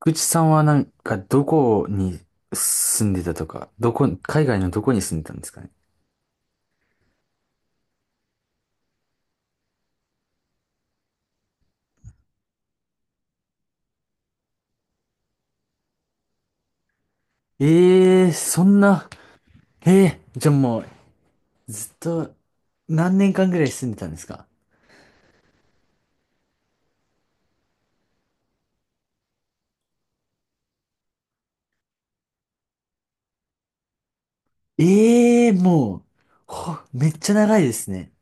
口さんはなんかどこに住んでたとか、どこ、海外のどこに住んでたんですかね。ええー、そんな、ええー、じゃあもうずっと何年間ぐらい住んでたんですか。ええー、もう、ほめっちゃ長いですね。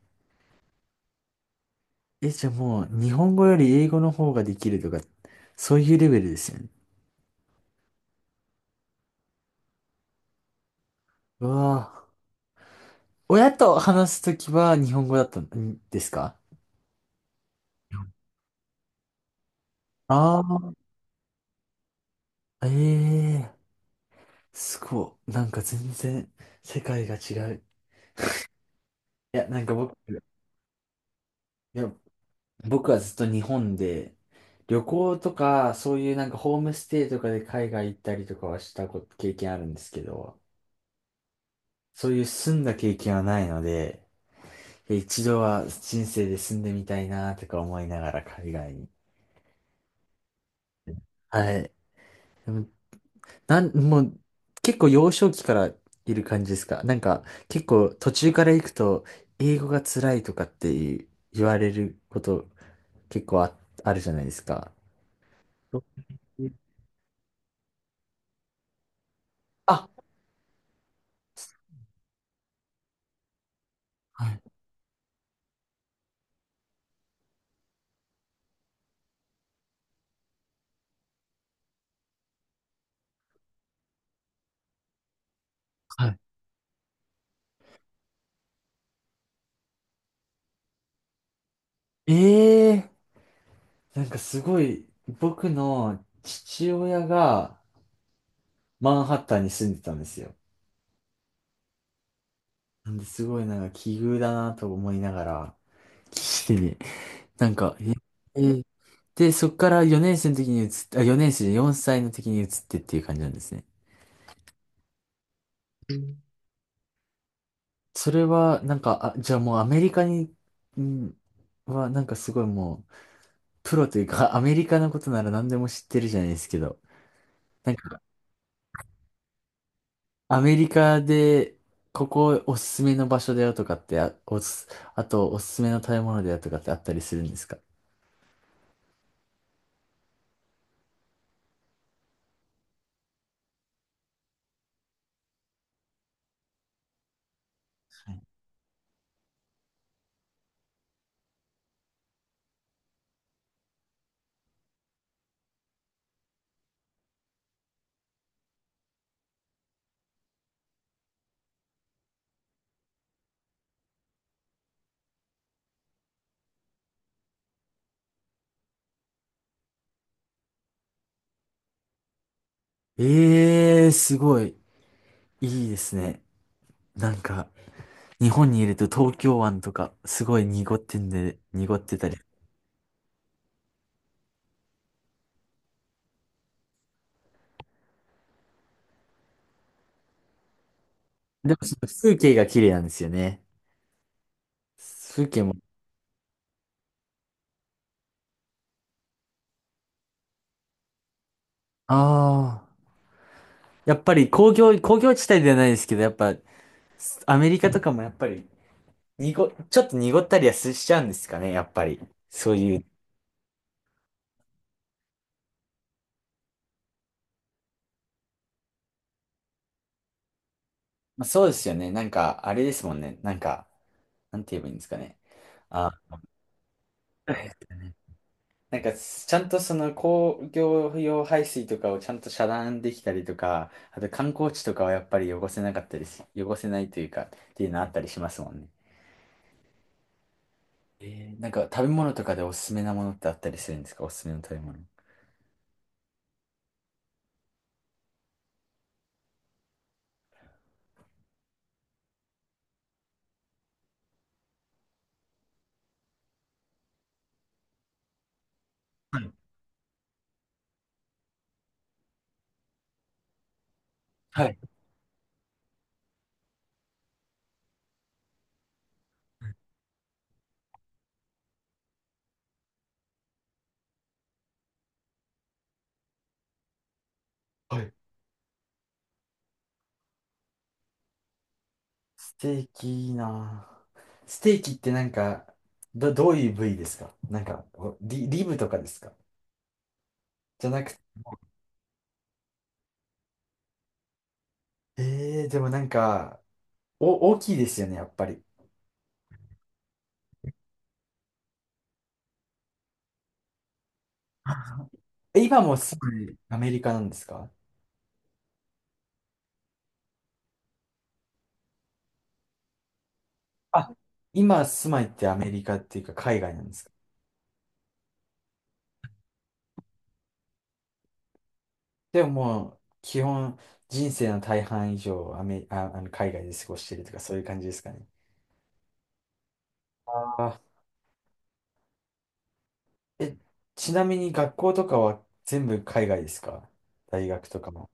え、じゃあもう日本語より英語の方ができるとか、そういうレベルですよね。うわあ。親と話すときは日本語だったんですか？ああー、ええー、すごい。なんか全然世界が違う。いや、僕、や、僕はずっと日本で、旅行とか、そういうなんかホームステイとかで海外行ったりとかはしたこと経験あるんですけど、そういう住んだ経験はないので、一度は人生で住んでみたいなとか思いながら海外に。はい。でもなん、もう結構幼少期からいる感じですか？なんか結構途中から行くと英語が辛いとかっていう言われること結構あ、あるじゃないですか。どあうはい。はい。ええ、なんかすごい、僕の父親がマンハッタンに住んでたんですよ。なんですごいなんか奇遇だなと思いながら、してね。なんか、え、えーで、そっから4年生の時に移って、あ、4年生で歳の時に移ってっていう感じなんですね。うん。それは、なんか、あ、じゃあもうアメリカに、んなんかすごいもう、プロというか、アメリカのことなら何でも知ってるじゃないですけど、なんかアメリカで、ここおすすめの場所だよとかって、あとおすすめの食べ物だよとかってあったりするんですか？ええー、すごい、いいですね。なんか、日本にいると東京湾とか、すごい濁ってんで、濁ってたり。でもその風景が綺麗なんですよね。風景も。ああ。やっぱり工業地帯ではないですけど、やっぱ、アメリカとかもやっぱり、ちょっと濁ったりはしちゃうんですかね、やっぱり。そういう。まあ、そうですよね。なんか、あれですもんね。なんか、なんて言えばいいんですかね。あ、なんか、ちゃんとその工業用排水とかをちゃんと遮断できたりとか、あと観光地とかはやっぱり汚せないというか、っていうのあったりしますもんね。えー、なんか食べ物とかでおすすめなものってあったりするんですか？おすすめの食べ物。はい。はい。はい。ステーキいいなぁ。ステーキってなんか、どういう部位ですか？なんか、リブとかですか？じゃなく、ええ、でもなんか、お、大きいですよね、やっぱり。え、今も住まい、アメリカなんですか？あ、今住まいってアメリカっていうか海外なんですか？でももう、基本、人生の大半以上、アメ、あ、あの海外で過ごしてるとか、そういう感じですかね。ああ。え、ちなみに学校とかは全部海外ですか？大学とかも。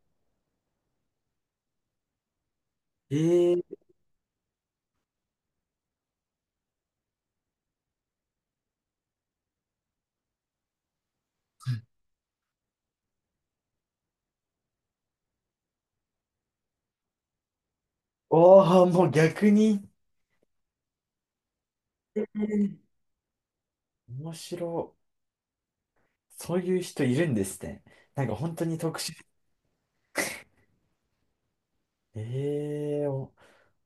ええ。おお、もう逆に、えー、面白い。そういう人いるんですね。なんか本当に特殊。ええお、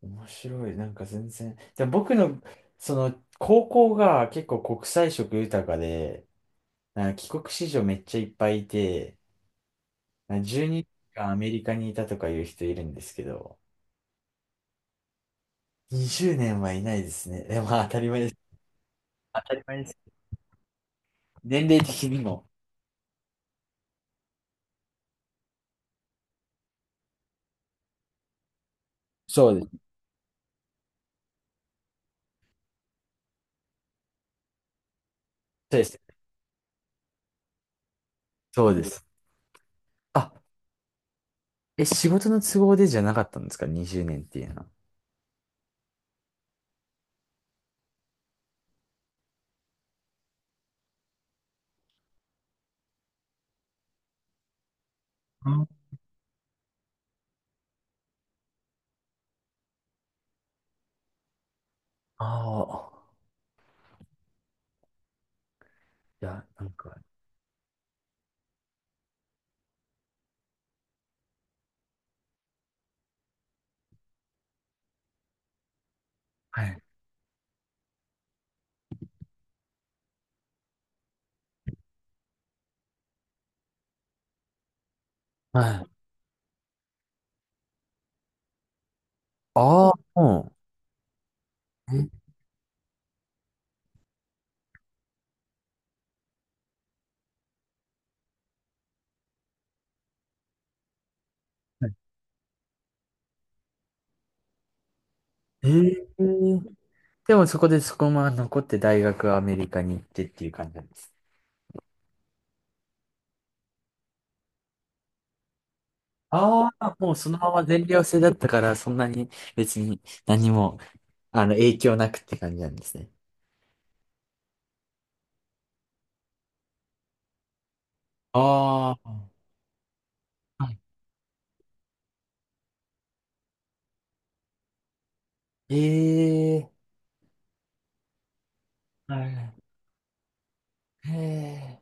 面白い。なんか全然。でも僕の、その、高校が結構国際色豊かで、なんか帰国子女めっちゃいっぱいいて、なんか12年間アメリカにいたとかいう人いるんですけど、20年はいないですね。でも当たり前です。当たり前です。年齢的にも。そうです。そうです。そうです。あ、え、仕事の都合でじゃなかったんですか ?20 年っていうのは。ああー、いや、なんか、はい。はい。ああ、うん。はい。えー、でもそこでそこまま残って大学はアメリカに行ってっていう感じなんです。ああ、もうそのまま全寮制だったから、そんなに別に何も、あの、影響なくって感じなんですね。ああ、はい。ええ。はい。へえ。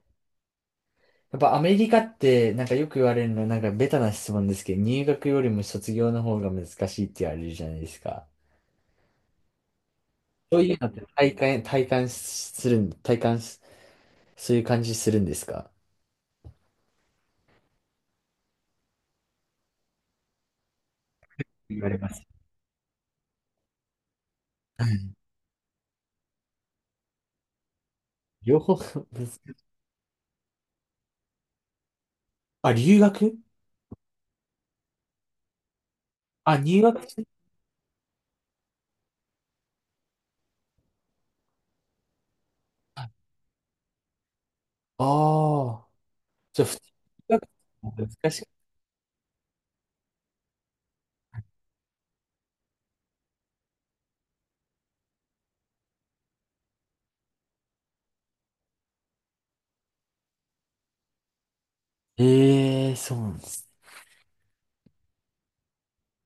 やっぱアメリカってなんかよく言われるのはなんかベタな質問ですけど、入学よりも卒業の方が難しいって言われるじゃないですか。そういうのって体感す、そういう感じするんですか？言われます。うん。両方 あ、留学あ、入学、ああー。じゃあ、普通に留学難しい。ええー、そうなんです。